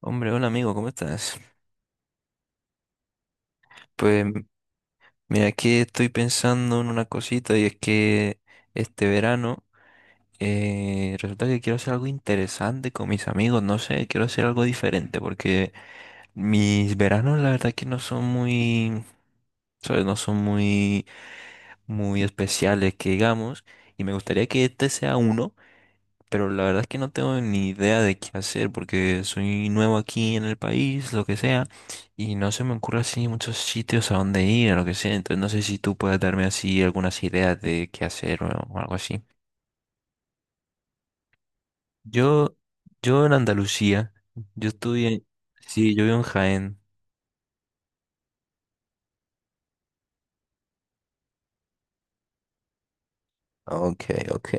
Hombre, hola amigo, ¿cómo estás? Pues mira, aquí estoy pensando en una cosita y es que este verano resulta que quiero hacer algo interesante con mis amigos, no sé, quiero hacer algo diferente porque mis veranos la verdad que no son muy, ¿sabes? No son muy, muy especiales que digamos y me gustaría que este sea uno. Pero la verdad es que no tengo ni idea de qué hacer porque soy nuevo aquí en el país, lo que sea, y no se me ocurre así muchos sitios a dónde ir, o lo que sea. Entonces no sé si tú puedes darme así algunas ideas de qué hacer o algo así. Yo, yo en Andalucía, yo estudié. Sí, yo vivo en Jaén. Ok, ok.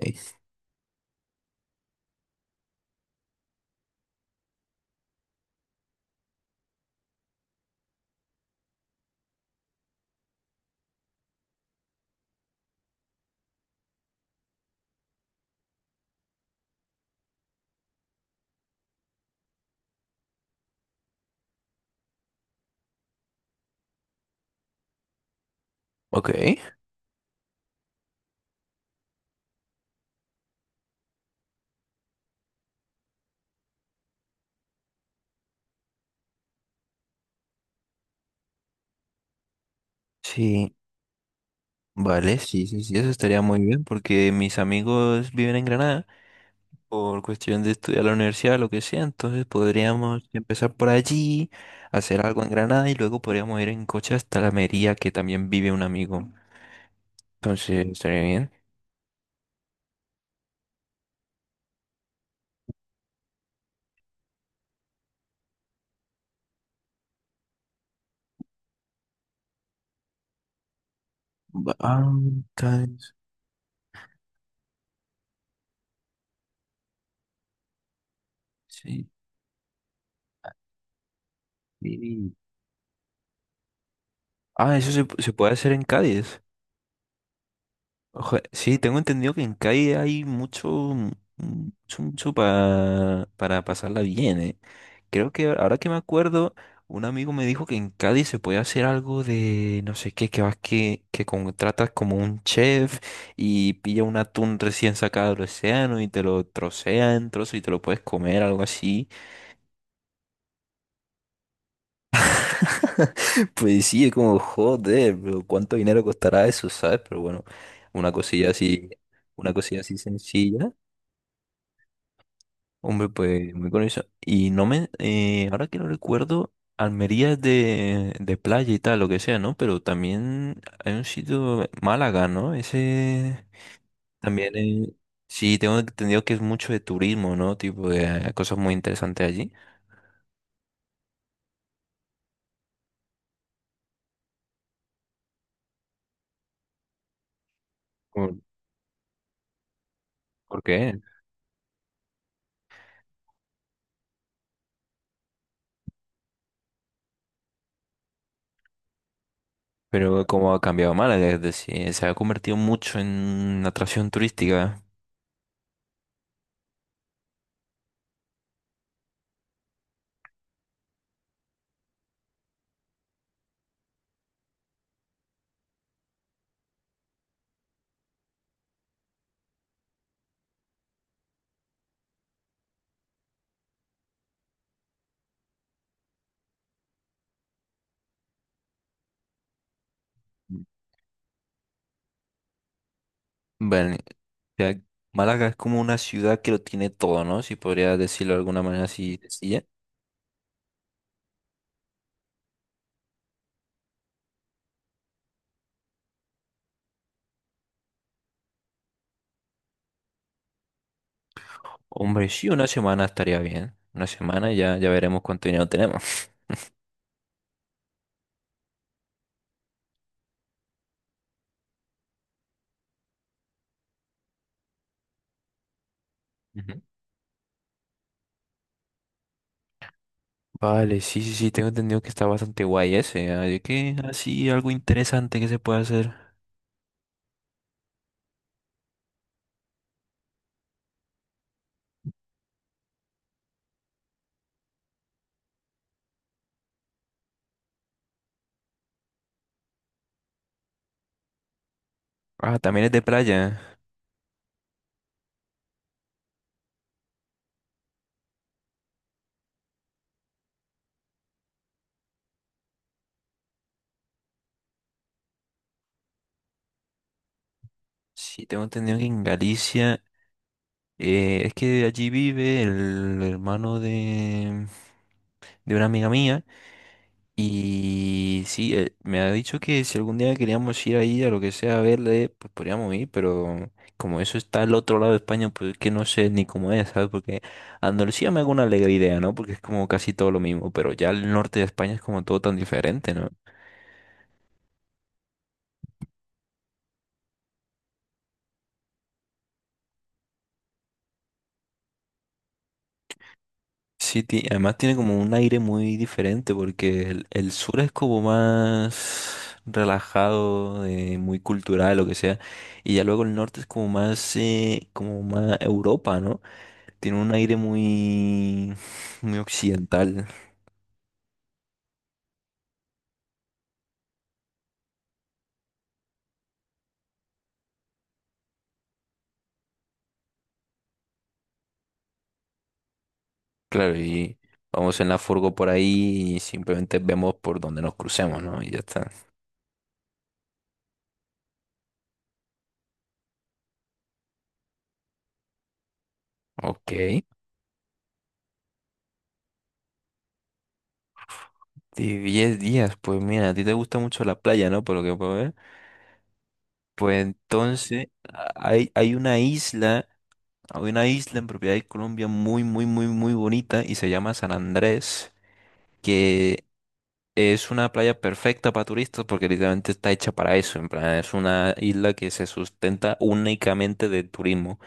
Ok. Sí, vale, sí, sí, sí, eso estaría muy bien porque mis amigos viven en Granada. Por cuestión de estudiar la universidad, lo que sea, entonces podríamos empezar por allí, hacer algo en Granada y luego podríamos ir en coche hasta la Mería, que también vive un amigo. Entonces, estaría bien. Bancas, sí. y- Ah, eso se puede hacer en Cádiz. Ojo, sí, tengo entendido que en Cádiz hay mucho, mucho, mucho para pasarla bien, ¿eh? Creo que ahora que me acuerdo, un amigo me dijo que en Cádiz se puede hacer algo de no sé qué, que vas que contratas como un chef y pilla un atún recién sacado del océano y te lo trocea en trozos y te lo puedes comer, algo así. Pues sí, es como, joder, pero ¿cuánto dinero costará eso, sabes? Pero bueno, una cosilla así, una cosilla así sencilla. Hombre, pues muy curioso. Y no me, ahora que lo recuerdo, Almería es de playa y tal, lo que sea, ¿no? Pero también hay un sitio, Málaga, ¿no? Ese también sí, tengo entendido que es mucho de turismo, ¿no? Tipo, de, hay cosas muy interesantes allí. ¿Por, por qué? Pero como ha cambiado Málaga, es decir, se ha convertido mucho en una atracción turística. Bueno, o sea, Málaga es como una ciudad que lo tiene todo, ¿no? Si podría decirlo de alguna manera así sencilla. Hombre, sí, una semana estaría bien. Una semana ya, ya veremos cuánto dinero tenemos. Ujú. Vale, sí, sí, sí, tengo entendido que está bastante guay ese. Ah, ¿De Así, algo interesante que se puede hacer. Ah, también es de playa. Sí, tengo entendido que en Galicia, es que allí vive el hermano de una amiga mía. Y sí, me ha dicho que si algún día queríamos ir ahí a lo que sea a verle, pues podríamos ir, pero como eso está al otro lado de España, pues es que no sé ni cómo es, ¿sabes? Porque Andalucía me hago una alegre idea, ¿no? Porque es como casi todo lo mismo, pero ya el norte de España es como todo tan diferente, ¿no? Sí, además tiene como un aire muy diferente porque el sur es como más relajado, de muy cultural, lo que sea, y ya luego el norte es como más Europa, ¿no? Tiene un aire muy, muy occidental, claro, y vamos en la furgo por ahí y simplemente vemos por donde nos crucemos, ¿no? Y ya está. Ok. De 10 días, pues mira, a ti te gusta mucho la playa, ¿no? Por lo que puedo ver. Pues entonces, hay una isla, hay una isla en propiedad de Colombia muy, muy, muy, muy bonita y se llama San Andrés, que es una playa perfecta para turistas porque literalmente está hecha para eso. En plan, es una isla que se sustenta únicamente del turismo.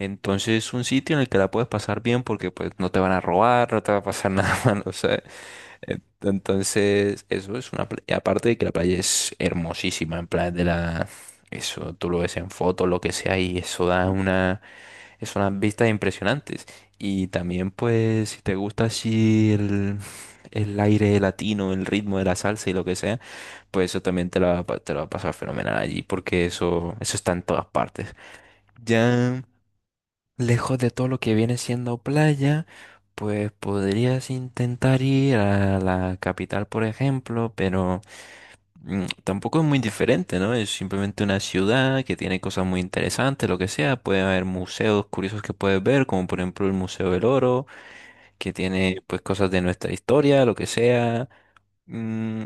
Entonces es un sitio en el que la puedes pasar bien porque pues no te van a robar, no te va a pasar nada malo, ¿sabes? Entonces eso es una playa. Aparte de que la playa es hermosísima, en plan de la. Eso tú lo ves en fotos, lo que sea, y eso da una. Es unas vistas impresionantes. Y también, pues, si te gusta así el aire latino, el ritmo de la salsa y lo que sea, pues eso también te lo va a te lo va a pasar fenomenal allí, porque eso está en todas partes. Ya lejos de todo lo que viene siendo playa, pues podrías intentar ir a la capital, por ejemplo, pero tampoco es muy diferente, ¿no? Es simplemente una ciudad que tiene cosas muy interesantes, lo que sea. Puede haber museos curiosos que puedes ver, como por ejemplo el Museo del Oro, que tiene pues cosas de nuestra historia, lo que sea. Mm,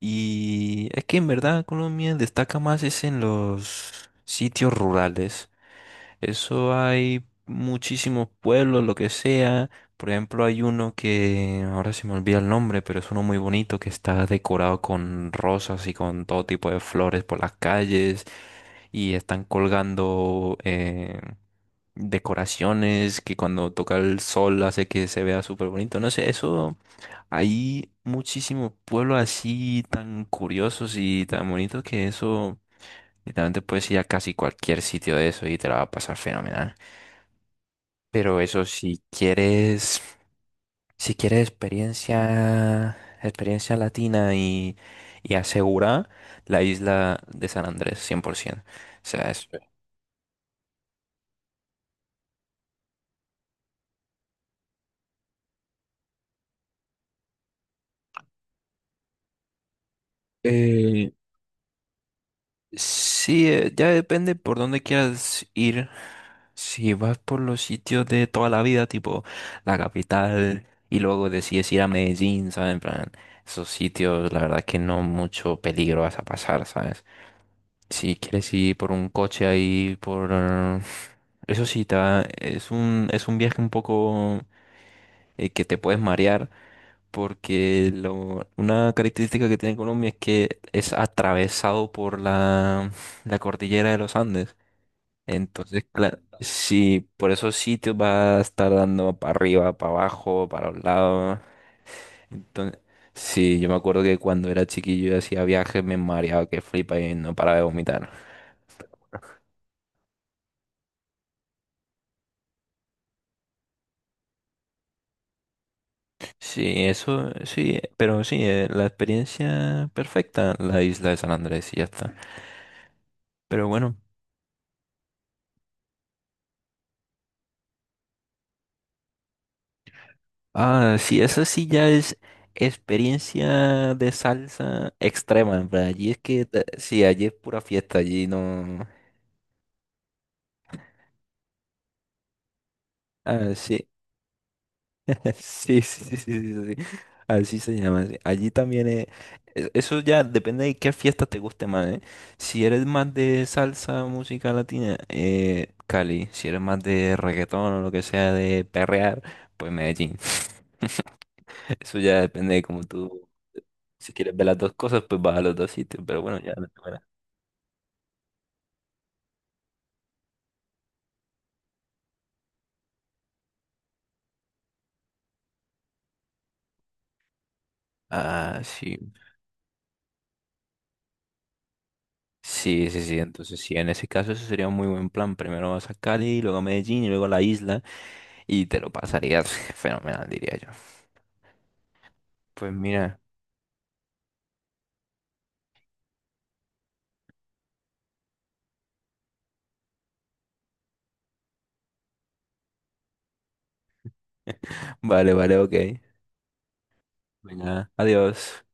y es que en verdad Colombia destaca más es en los sitios rurales. Eso hay muchísimos pueblos, lo que sea. Por ejemplo, hay uno que ahora se me olvida el nombre, pero es uno muy bonito que está decorado con rosas y con todo tipo de flores por las calles y están colgando decoraciones que cuando toca el sol hace que se vea súper bonito. No sé, eso hay muchísimos pueblos así tan curiosos y tan bonitos que eso literalmente puedes ir a casi cualquier sitio de eso y te la va a pasar fenomenal. Pero eso, si quieres, si quieres experiencia, experiencia latina y asegura la isla de San Andrés, 100%. O sea, eh, sí, ya depende por dónde quieras ir. Si vas por los sitios de toda la vida, tipo la capital, y luego decides ir a Medellín, ¿sabes? En plan, esos sitios, la verdad que no mucho peligro vas a pasar, ¿sabes? Si quieres ir por un coche ahí. Eso sí, es un viaje un poco que te puedes marear, porque una característica que tiene Colombia es que es atravesado por la cordillera de los Andes. Entonces, claro, sí, por esos sitios va a estar dando para arriba, para abajo, para un lado. Entonces, sí, yo me acuerdo que cuando era chiquillo y hacía viajes me mareaba que flipa y no paraba de vomitar. Sí, eso, sí, pero sí, la experiencia perfecta, la isla de San Andrés y ya está. Pero bueno, ah, sí, esa sí ya es experiencia de salsa extrema, en plan, allí es que, sí, allí es pura fiesta, allí no. Ah, sí, sí, sí, sí, sí, sí, sí. Así se llama. Sí. Allí también eso ya depende de qué fiesta te guste más, ¿eh? Si eres más de salsa, música latina, Cali. Si eres más de reggaetón o lo que sea, de perrear, pues Medellín. Eso ya depende de cómo tú. Si quieres ver las dos cosas, pues vas a los dos sitios. Pero bueno, ya. La primera. Ah, sí. Sí, sí, sí. Entonces, sí, en ese caso, eso sería un muy buen plan. Primero vas a Cali, luego a Medellín y luego a la isla. Y te lo pasarías fenomenal, diría yo. Pues mira, vale, vale, ok. Venga, adiós.